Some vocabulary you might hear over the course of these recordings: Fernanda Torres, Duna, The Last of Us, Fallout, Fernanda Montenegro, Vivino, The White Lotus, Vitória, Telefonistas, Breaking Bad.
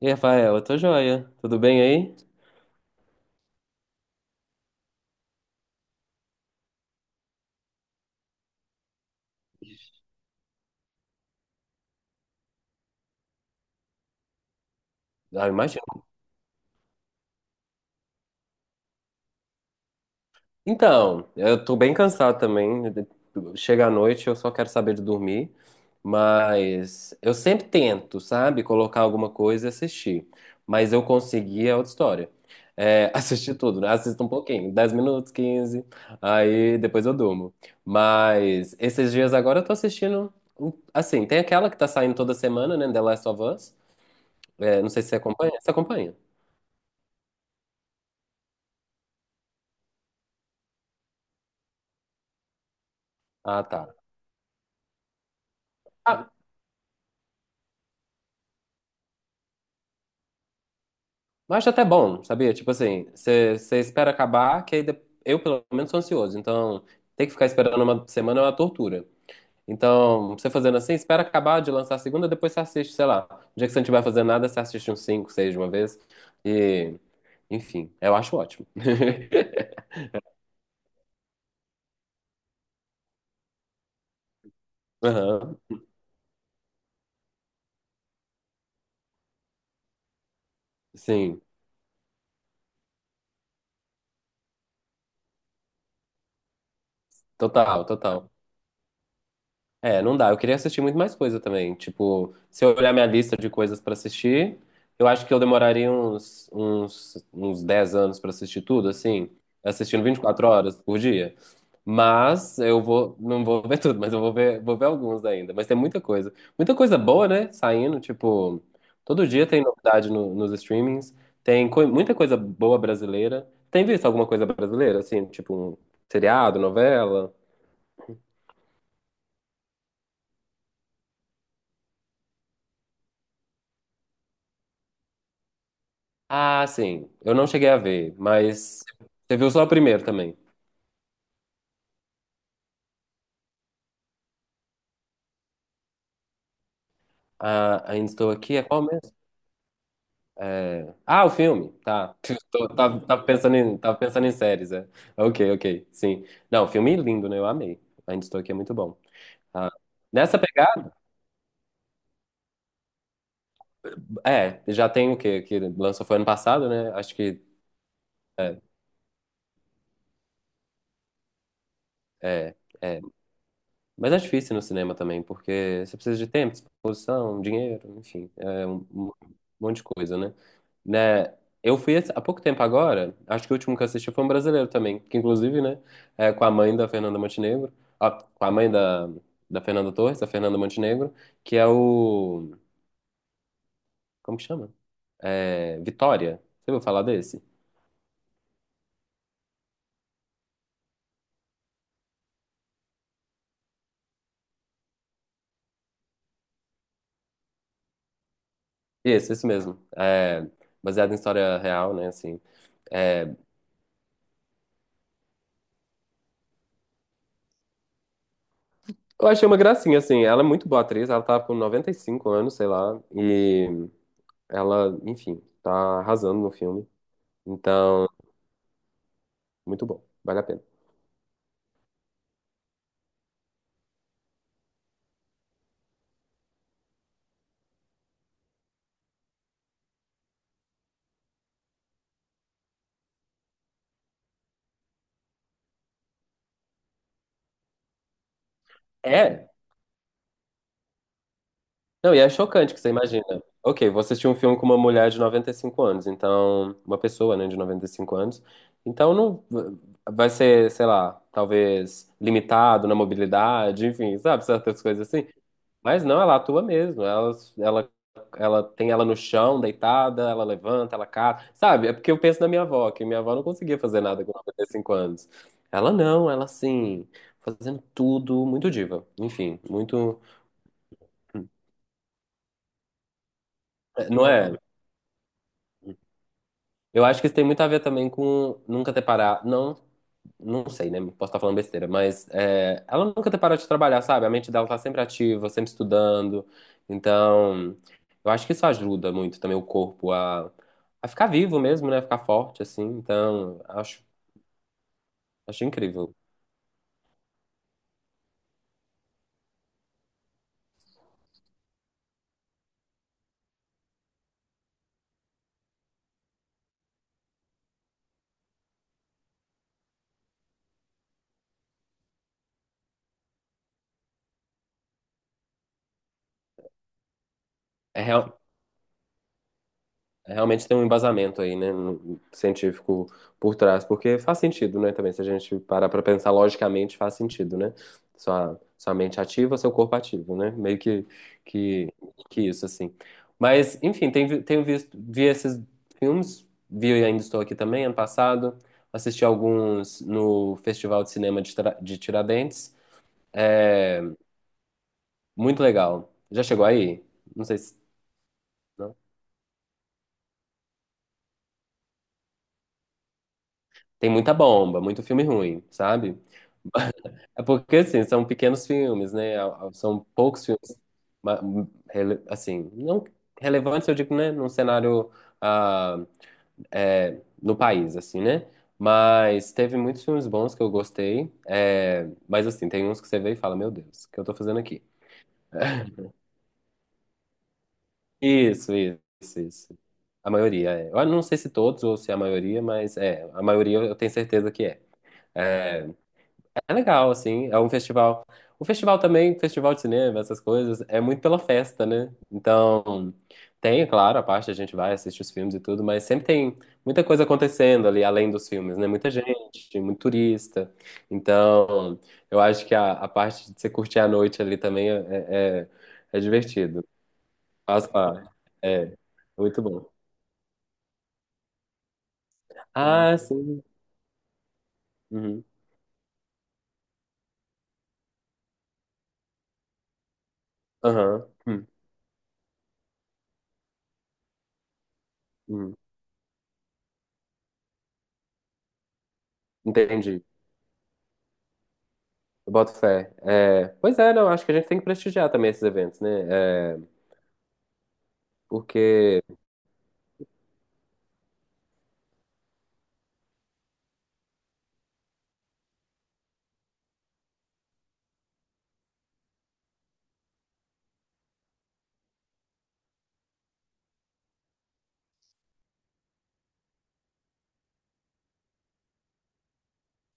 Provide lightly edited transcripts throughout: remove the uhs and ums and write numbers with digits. E Rafael, eu tô joia. Tudo bem aí? Ah, imagino. Então, eu tô bem cansado também. Chega à noite, eu só quero saber de dormir. Mas eu sempre tento, sabe? Colocar alguma coisa e assistir. Mas eu consegui, é outra história. É, assistir tudo, né? Assisto um pouquinho, 10 minutos, 15. Aí depois eu durmo. Mas esses dias agora eu tô assistindo. Assim, tem aquela que tá saindo toda semana, né? The Last of Us. É, não sei se você acompanha. Você acompanha? Ah, tá. Ah, Mas acho até bom, sabia? Tipo assim, você espera acabar, que aí eu, pelo menos, sou ansioso. Então, ter que ficar esperando uma semana é uma tortura. Então, você fazendo assim, espera acabar de lançar a segunda, depois você assiste, sei lá. No dia que você não estiver fazendo nada, você assiste uns 5, 6 de uma vez. E, enfim, eu acho ótimo. Aham, sim, total, total. É, não dá. Eu queria assistir muito mais coisa também. Tipo, se eu olhar minha lista de coisas pra assistir, eu acho que eu demoraria uns 10 anos pra assistir tudo, assim, assistindo 24 horas por dia. Mas não vou ver tudo, mas eu vou ver, alguns ainda. Mas tem muita coisa. Muita coisa boa, né? Saindo, tipo, todo dia tem novidade nos streamings. Tem muita coisa boa brasileira. Tem visto alguma coisa brasileira, assim, tipo, um seriado, novela? Ah, sim. Eu não cheguei a ver, mas você viu só o primeiro também. Ah, ainda estou aqui. É qual mesmo? É. Ah, o filme. Tá. Tava pensando em séries, é. Ok, ok. Sim. Não, filme é lindo, né? Eu amei. Ainda estou aqui, é muito bom. Ah, nessa pegada, já tem o quê? Que lançou foi ano passado, né? Acho que é, é, é. Mas é difícil no cinema também, porque você precisa de tempo, disposição, dinheiro, enfim, é um monte de coisa, né? Eu fui há pouco tempo agora, acho que o último que eu assisti foi um brasileiro também, que inclusive, né, é com a mãe da Fernanda Montenegro, ó, com a mãe da Fernanda Torres, da Fernanda Montenegro, que é o, como que chama? É, Vitória. Você ouviu falar desse? Esse mesmo. É, baseado em história real, né, assim. É, eu achei uma gracinha, assim, ela é muito boa atriz, ela tá com 95 anos, sei lá, e ela, enfim, tá arrasando no filme. Então, muito bom, vale a pena. É, não, e é chocante que você imagina. Ok, você assistiu um filme com uma mulher de 95 anos, então, uma pessoa, né, de 95 anos, então não vai ser, sei lá, talvez limitado na mobilidade, enfim, sabe, certas coisas assim. Mas não, ela atua mesmo. Ela, ela tem ela no chão, deitada, ela levanta, ela cata, sabe? É porque eu penso na minha avó, que minha avó não conseguia fazer nada com 95 anos. Ela não, ela assim, fazendo tudo, muito diva. Enfim, muito, não é? Eu acho que isso tem muito a ver também com nunca ter parado. Não, não sei, né? Posso estar falando besteira, mas ela nunca ter parado de trabalhar, sabe? A mente dela tá sempre ativa, sempre estudando. Então, eu acho que isso ajuda muito também o corpo a ficar vivo mesmo, né? Ficar forte, assim. Então, acho incrível. É real- Realmente tem um embasamento aí, né, científico por trás, porque faz sentido, né, também, se a gente parar pra pensar logicamente, faz sentido, né? Sua mente ativa, seu corpo ativo, né? Meio que, que isso, assim. Mas, enfim, tenho visto, vi esses filmes, vi e ainda estou aqui também, ano passado, assisti alguns no Festival de Cinema de Tiradentes, é muito legal. Já chegou aí? Não sei se... Não. Tem muita bomba, muito filme ruim, sabe? É porque, assim, são pequenos filmes, né? São poucos filmes, ma- assim, não relevantes, eu digo, né? Num cenário ah, no país, assim, né? Mas teve muitos filmes bons que eu gostei. É, mas, assim, tem uns que você vê e fala, meu Deus, o que eu tô fazendo aqui? Isso, isso, isso. A maioria, é. Eu não sei se todos ou se a maioria, mas é, a maioria eu tenho certeza que é. É, É legal, assim, é um festival. O festival também, festival de cinema, essas coisas, é muito pela festa, né? Então, tem, claro, a parte a gente vai assistir os filmes e tudo, mas sempre tem muita coisa acontecendo ali, além dos filmes, né? Muita gente, muito turista. Então, eu acho que a parte de você curtir a noite ali também é, é é divertido. Faz parte. É, muito bom. Ah, sim. Uhum. Aham. Hum. Entendi. Eu boto fé. É, pois é, não, acho que a gente tem que prestigiar também esses eventos, né? Porque,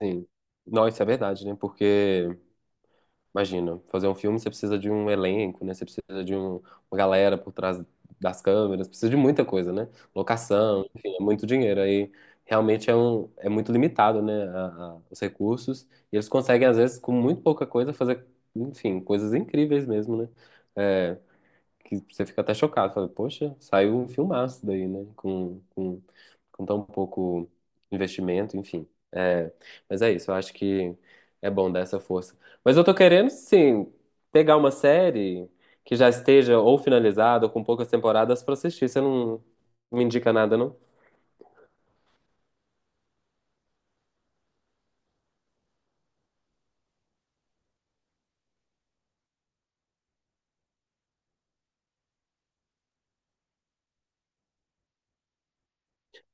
assim, não, isso é verdade, né? Porque, imagina, fazer um filme você precisa de um elenco, né? Você precisa uma galera por trás das câmeras, precisa de muita coisa, né? Locação, enfim, é muito dinheiro. Aí realmente é muito limitado, né? Os recursos. E eles conseguem, às vezes, com muito pouca coisa, fazer, enfim, coisas incríveis mesmo, né? É, que você fica até chocado. Fala, poxa, saiu um filmaço daí, né? Com tão pouco investimento, enfim. É, mas é isso, eu acho que é bom dar essa força. Mas eu tô querendo, sim, pegar uma série que já esteja ou finalizada ou com poucas temporadas pra assistir. Você não me indica nada, não?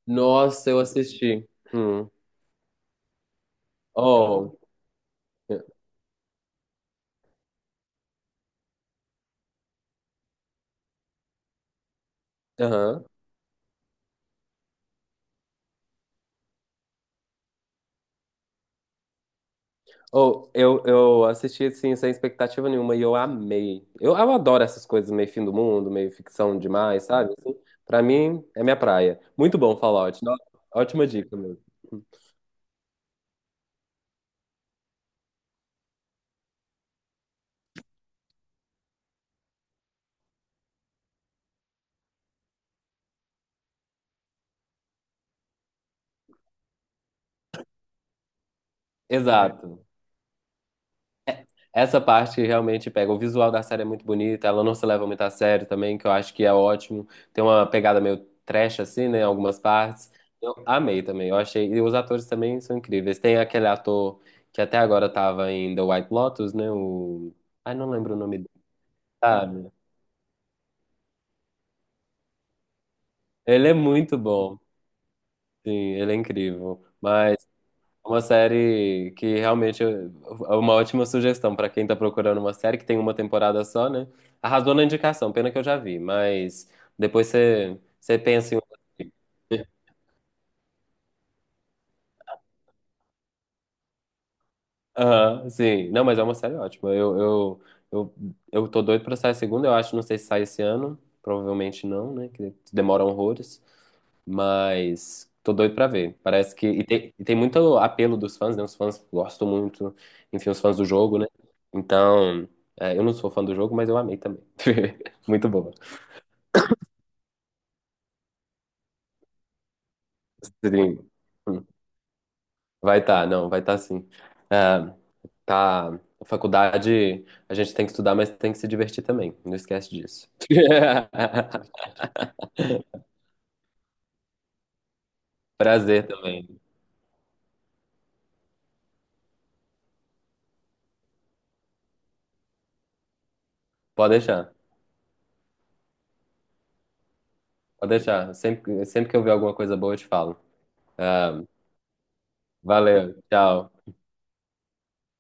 Nossa, eu assisti. Hum. Oh, aham. Eu assisti assim, sem expectativa nenhuma e eu amei. Eu adoro essas coisas meio fim do mundo, meio ficção demais, sabe? Assim, pra mim, é minha praia. Muito bom, Fallout. Ótima dica mesmo. Exato. Essa parte realmente pega. O visual da série é muito bonito, ela não se leva muito a sério também, que eu acho que é ótimo. Tem uma pegada meio trash assim, né, em algumas partes. Eu amei também. Eu achei, e os atores também são incríveis. Tem aquele ator que até agora tava em The White Lotus, né, o ai, não lembro o nome. Sabe? Ele é muito bom, sim, ele é incrível. Mas é uma série que realmente é uma ótima sugestão para quem tá procurando uma série que tem uma temporada só, né? Arrasou na indicação, pena que eu já vi, mas depois você pensa em outra. Aham, sim. Não, mas é uma série ótima. Eu, eu tô doido pra sair a segunda, eu acho. Não sei se sai esse ano. Provavelmente não, né? Que demora horrores. Mas tô doido pra ver. Parece que. E tem muito apelo dos fãs, né? Os fãs gostam muito. Enfim, os fãs do jogo, né? Então. Eu não sou fã do jogo, mas eu amei também. Muito boa. Stream. Vai tá, não, vai tá sim. Ah, tá, a faculdade a gente tem que estudar, mas tem que se divertir também. Não esquece disso. Prazer também. Pode deixar, pode deixar. Sempre que eu ver alguma coisa boa, eu te falo. Ah, valeu, tchau.